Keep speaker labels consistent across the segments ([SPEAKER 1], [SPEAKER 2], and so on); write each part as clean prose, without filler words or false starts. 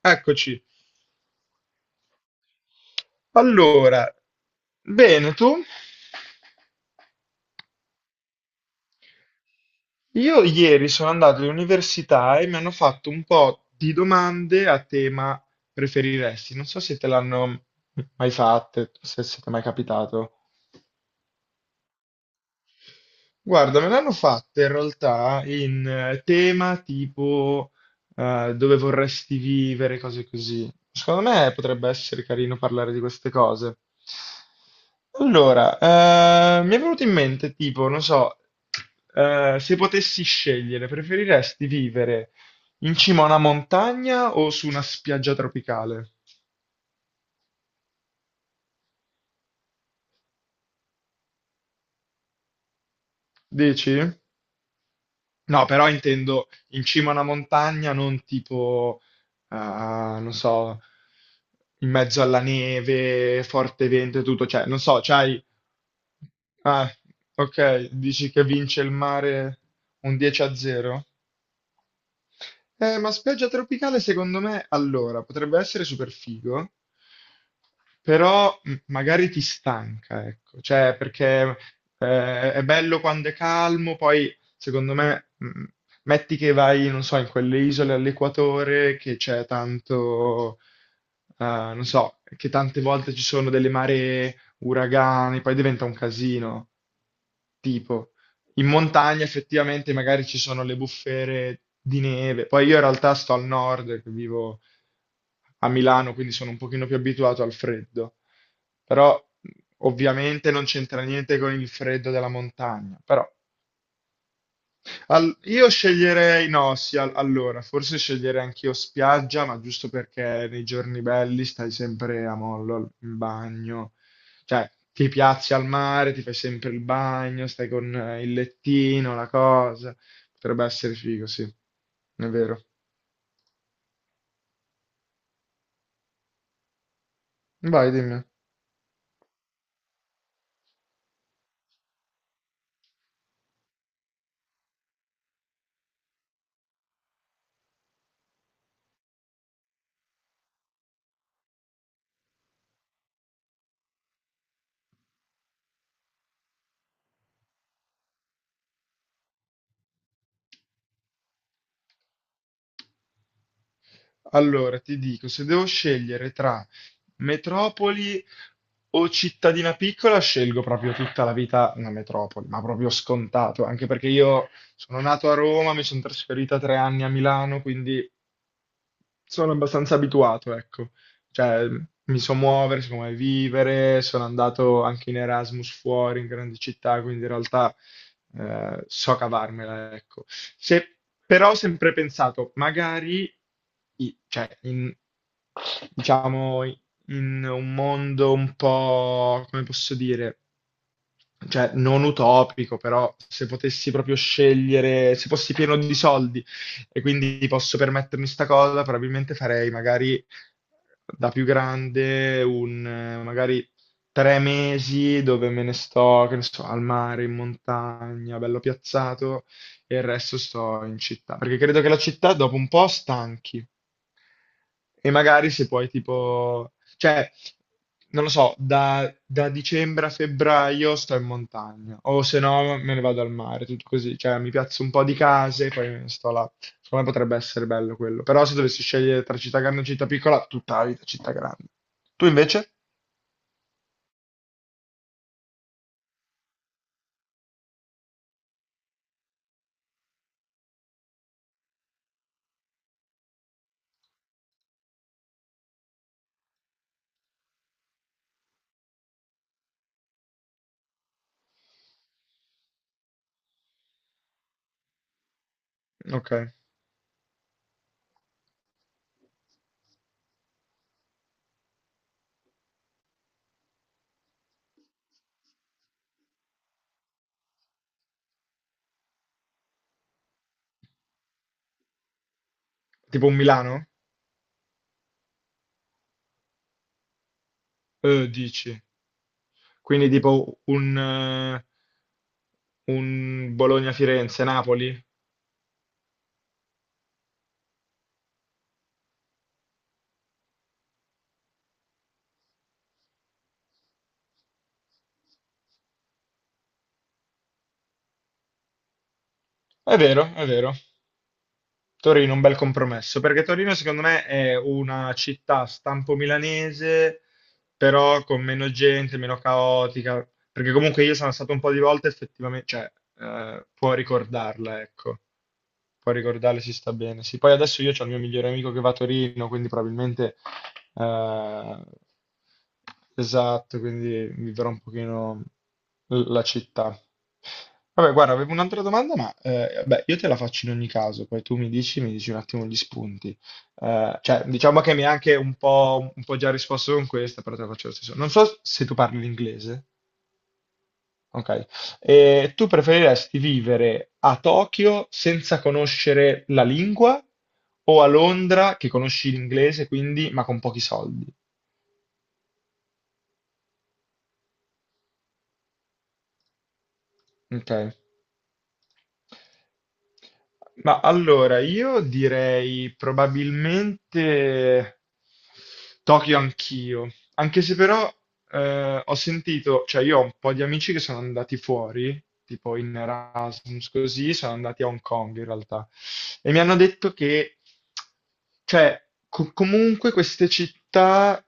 [SPEAKER 1] Eccoci. Allora, bene tu? Io ieri sono andato all'università e mi hanno fatto un po' di domande a tema preferiresti. Non so se te l'hanno mai fatte, se siete mai capitato. Guarda, me l'hanno fatta in realtà in tema tipo dove vorresti vivere, cose così. Secondo me potrebbe essere carino parlare di queste cose. Allora, mi è venuto in mente tipo, non so, se potessi scegliere, preferiresti vivere in cima a una montagna o su una spiaggia tropicale? Dici? No, però intendo in cima a una montagna, non tipo, non so, in mezzo alla neve, forte vento e tutto, cioè, non so, c'hai... Ah, ok, dici che vince il mare un 10 a 0? Ma spiaggia tropicale secondo me, allora, potrebbe essere super figo, però magari ti stanca, ecco, cioè perché è bello quando è calmo, poi secondo me metti che vai, non so, in quelle isole all'equatore che c'è tanto, non so, che tante volte ci sono delle maree, uragani, poi diventa un casino, tipo. In montagna effettivamente magari ci sono le bufere di neve. Poi io in realtà sto al nord, che vivo a Milano, quindi sono un pochino più abituato al freddo. Però ovviamente non c'entra niente con il freddo della montagna. Però io sceglierei, no, sì, allora, forse sceglierei anch'io spiaggia, ma giusto perché nei giorni belli stai sempre a mollo in bagno, cioè ti piazzi al mare, ti fai sempre il bagno, stai con il lettino, la cosa. Potrebbe essere figo, sì, è vero. Vai, dimmi. Allora, ti dico, se devo scegliere tra metropoli o cittadina piccola, scelgo proprio tutta la vita una metropoli, ma proprio scontato, anche perché io sono nato a Roma, mi sono trasferita 3 anni a Milano, quindi sono abbastanza abituato, ecco. Cioè, mi so muovere, so come vivere, sono andato anche in Erasmus fuori, in grandi città, quindi in realtà so cavarmela, ecco. Però ho sempre pensato, magari, cioè, in, diciamo, in un mondo un po', come posso dire? Cioè non utopico, però se potessi proprio scegliere, se fossi pieno di soldi e quindi posso permettermi sta cosa, probabilmente farei magari da più grande un magari 3 mesi dove me ne sto, che ne so, al mare, in montagna, bello piazzato, e il resto sto in città, perché credo che la città dopo un po' stanchi. E magari se poi tipo, cioè, non lo so, da dicembre a febbraio sto in montagna, o se no me ne vado al mare, tutto così, cioè mi piazzo un po' di case e poi me ne sto là. Secondo me potrebbe essere bello quello. Però se dovessi scegliere tra città grande e città piccola, tutta la vita città grande. Tu invece? Ok, tipo un Milano? Dici. Quindi tipo un Bologna-Firenze-Napoli? È vero, è vero. Torino, un bel compromesso, perché Torino secondo me è una città stampo milanese, però con meno gente, meno caotica, perché comunque io sono stato un po' di volte effettivamente, cioè, può ricordarla, ecco. Poi a Rigordale si sta bene. Sì, poi adesso io ho il mio migliore amico che va a Torino, quindi probabilmente eh, esatto, quindi vivrò un pochino la città. Vabbè, guarda, avevo un'altra domanda, ma beh, io te la faccio in ogni caso, poi tu mi dici un attimo gli spunti. Cioè, diciamo che mi hai anche un po' già risposto con questa, però te la faccio lo stesso. Non so se tu parli l'inglese. Ok. E tu preferiresti vivere a Tokyo senza conoscere la lingua o a Londra che conosci l'inglese, quindi, ma con pochi soldi? Ok. Ma allora, io direi probabilmente Tokyo anch'io, anche se però ho sentito, cioè io ho un po' di amici che sono andati fuori, tipo in Erasmus così, sono andati a Hong Kong in realtà, e mi hanno detto che, cioè, comunque queste città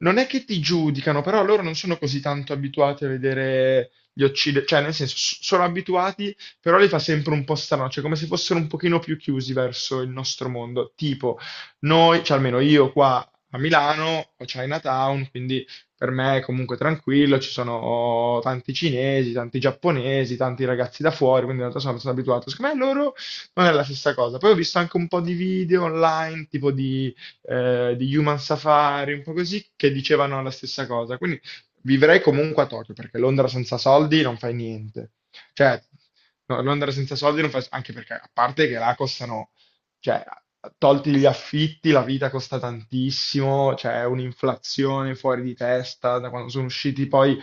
[SPEAKER 1] non è che ti giudicano, però loro non sono così tanto abituati a vedere gli occidentali, cioè nel senso sono abituati però li fa sempre un po' strano, cioè come se fossero un pochino più chiusi verso il nostro mondo. Tipo, noi, cioè almeno io qua a Milano ho Chinatown, quindi per me è comunque tranquillo, ci sono tanti cinesi, tanti giapponesi, tanti ragazzi da fuori, quindi in realtà sono abbastanza abituato. Secondo me loro non è la stessa cosa. Poi ho visto anche un po' di video online, tipo di Human Safari, un po' così, che dicevano la stessa cosa. Quindi vivrei comunque a Tokyo, perché Londra senza soldi non fai niente. Cioè, no, non andare senza soldi non fa, anche perché a parte che là costano, cioè, tolti gli affitti, la vita costa tantissimo, c'è un'inflazione fuori di testa da quando sono usciti poi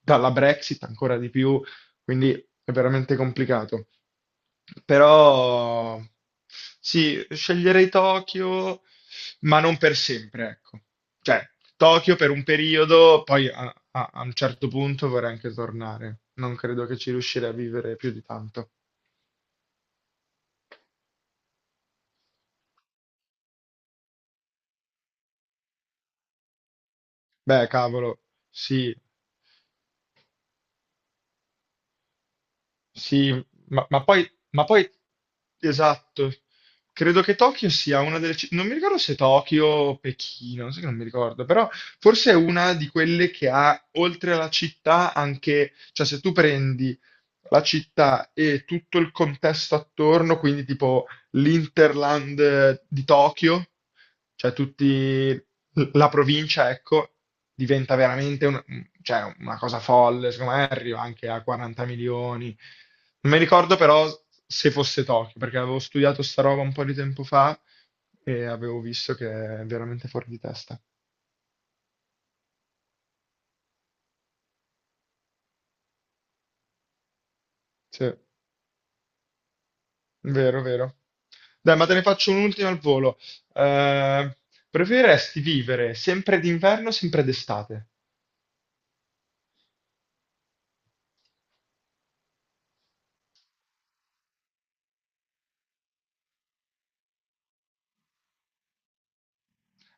[SPEAKER 1] dalla Brexit ancora di più, quindi è veramente complicato. Però sì, sceglierei Tokyo, ma non per sempre, ecco. Cioè, Tokyo per un periodo, poi a a un certo punto vorrei anche tornare. Non credo che ci riuscirei a vivere più di tanto. Beh, cavolo, sì, sì, ma poi, esatto, credo che Tokyo sia una delle, non mi ricordo se Tokyo o Pechino, sai che non mi ricordo, però forse è una di quelle che ha, oltre alla città, anche, cioè se tu prendi la città e tutto il contesto attorno, quindi tipo l'Interland di Tokyo, cioè tutti. La provincia, ecco, diventa veramente un- cioè, una cosa folle, secondo me arriva anche a 40 milioni. Non mi ricordo però se fosse Tokyo, perché avevo studiato sta roba un po' di tempo fa e avevo visto che è veramente fuori di testa. Sì, vero, vero. Dai, ma te ne faccio un'ultima al volo. Eh, preferiresti vivere sempre d'inverno o sempre d'estate?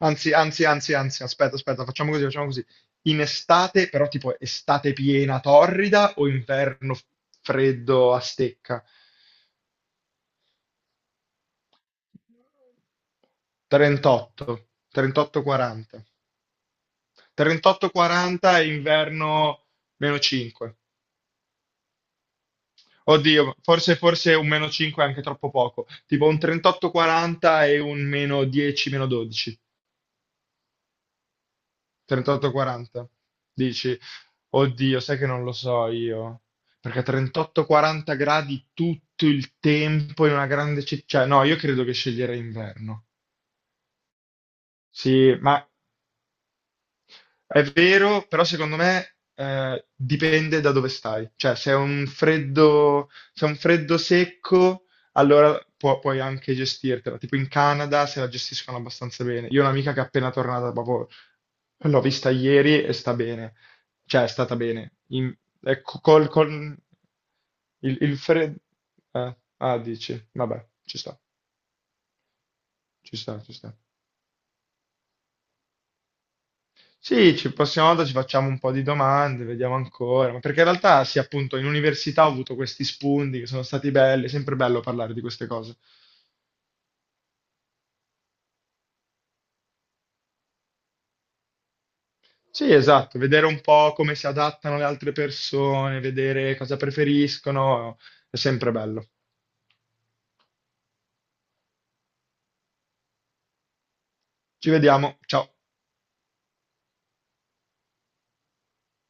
[SPEAKER 1] Anzi, aspetta, aspetta, facciamo così, facciamo così. In estate, però tipo estate piena, torrida o inverno freddo a stecca? 38, 38-40. 38-40 e inverno meno 5. Oddio, forse, forse un meno 5 è anche troppo poco. Tipo un 38-40 e un meno 10, meno 12. 38-40. Dici, oddio, sai che non lo so io. Perché 38-40 gradi tutto il tempo in una grande città. Cioè, no, io credo che sceglierei inverno. Sì, ma è vero, però secondo me dipende da dove stai. Cioè, se è un freddo, se è un freddo secco, allora puoi anche gestirtela. Tipo in Canada se la gestiscono abbastanza bene. Io ho un'amica che è appena tornata, proprio l'ho vista ieri e sta bene. Cioè, è stata bene. È il freddo... Ah, dici, vabbè, ci sta, ci sta, ci sta. Sì, ci prossima volta ci facciamo un po' di domande, vediamo ancora, ma perché in realtà sì, appunto, in università ho avuto questi spunti che sono stati belli, è sempre bello parlare di queste cose. Sì, esatto, vedere un po' come si adattano le altre persone, vedere cosa preferiscono, è sempre bello. Ci vediamo, ciao.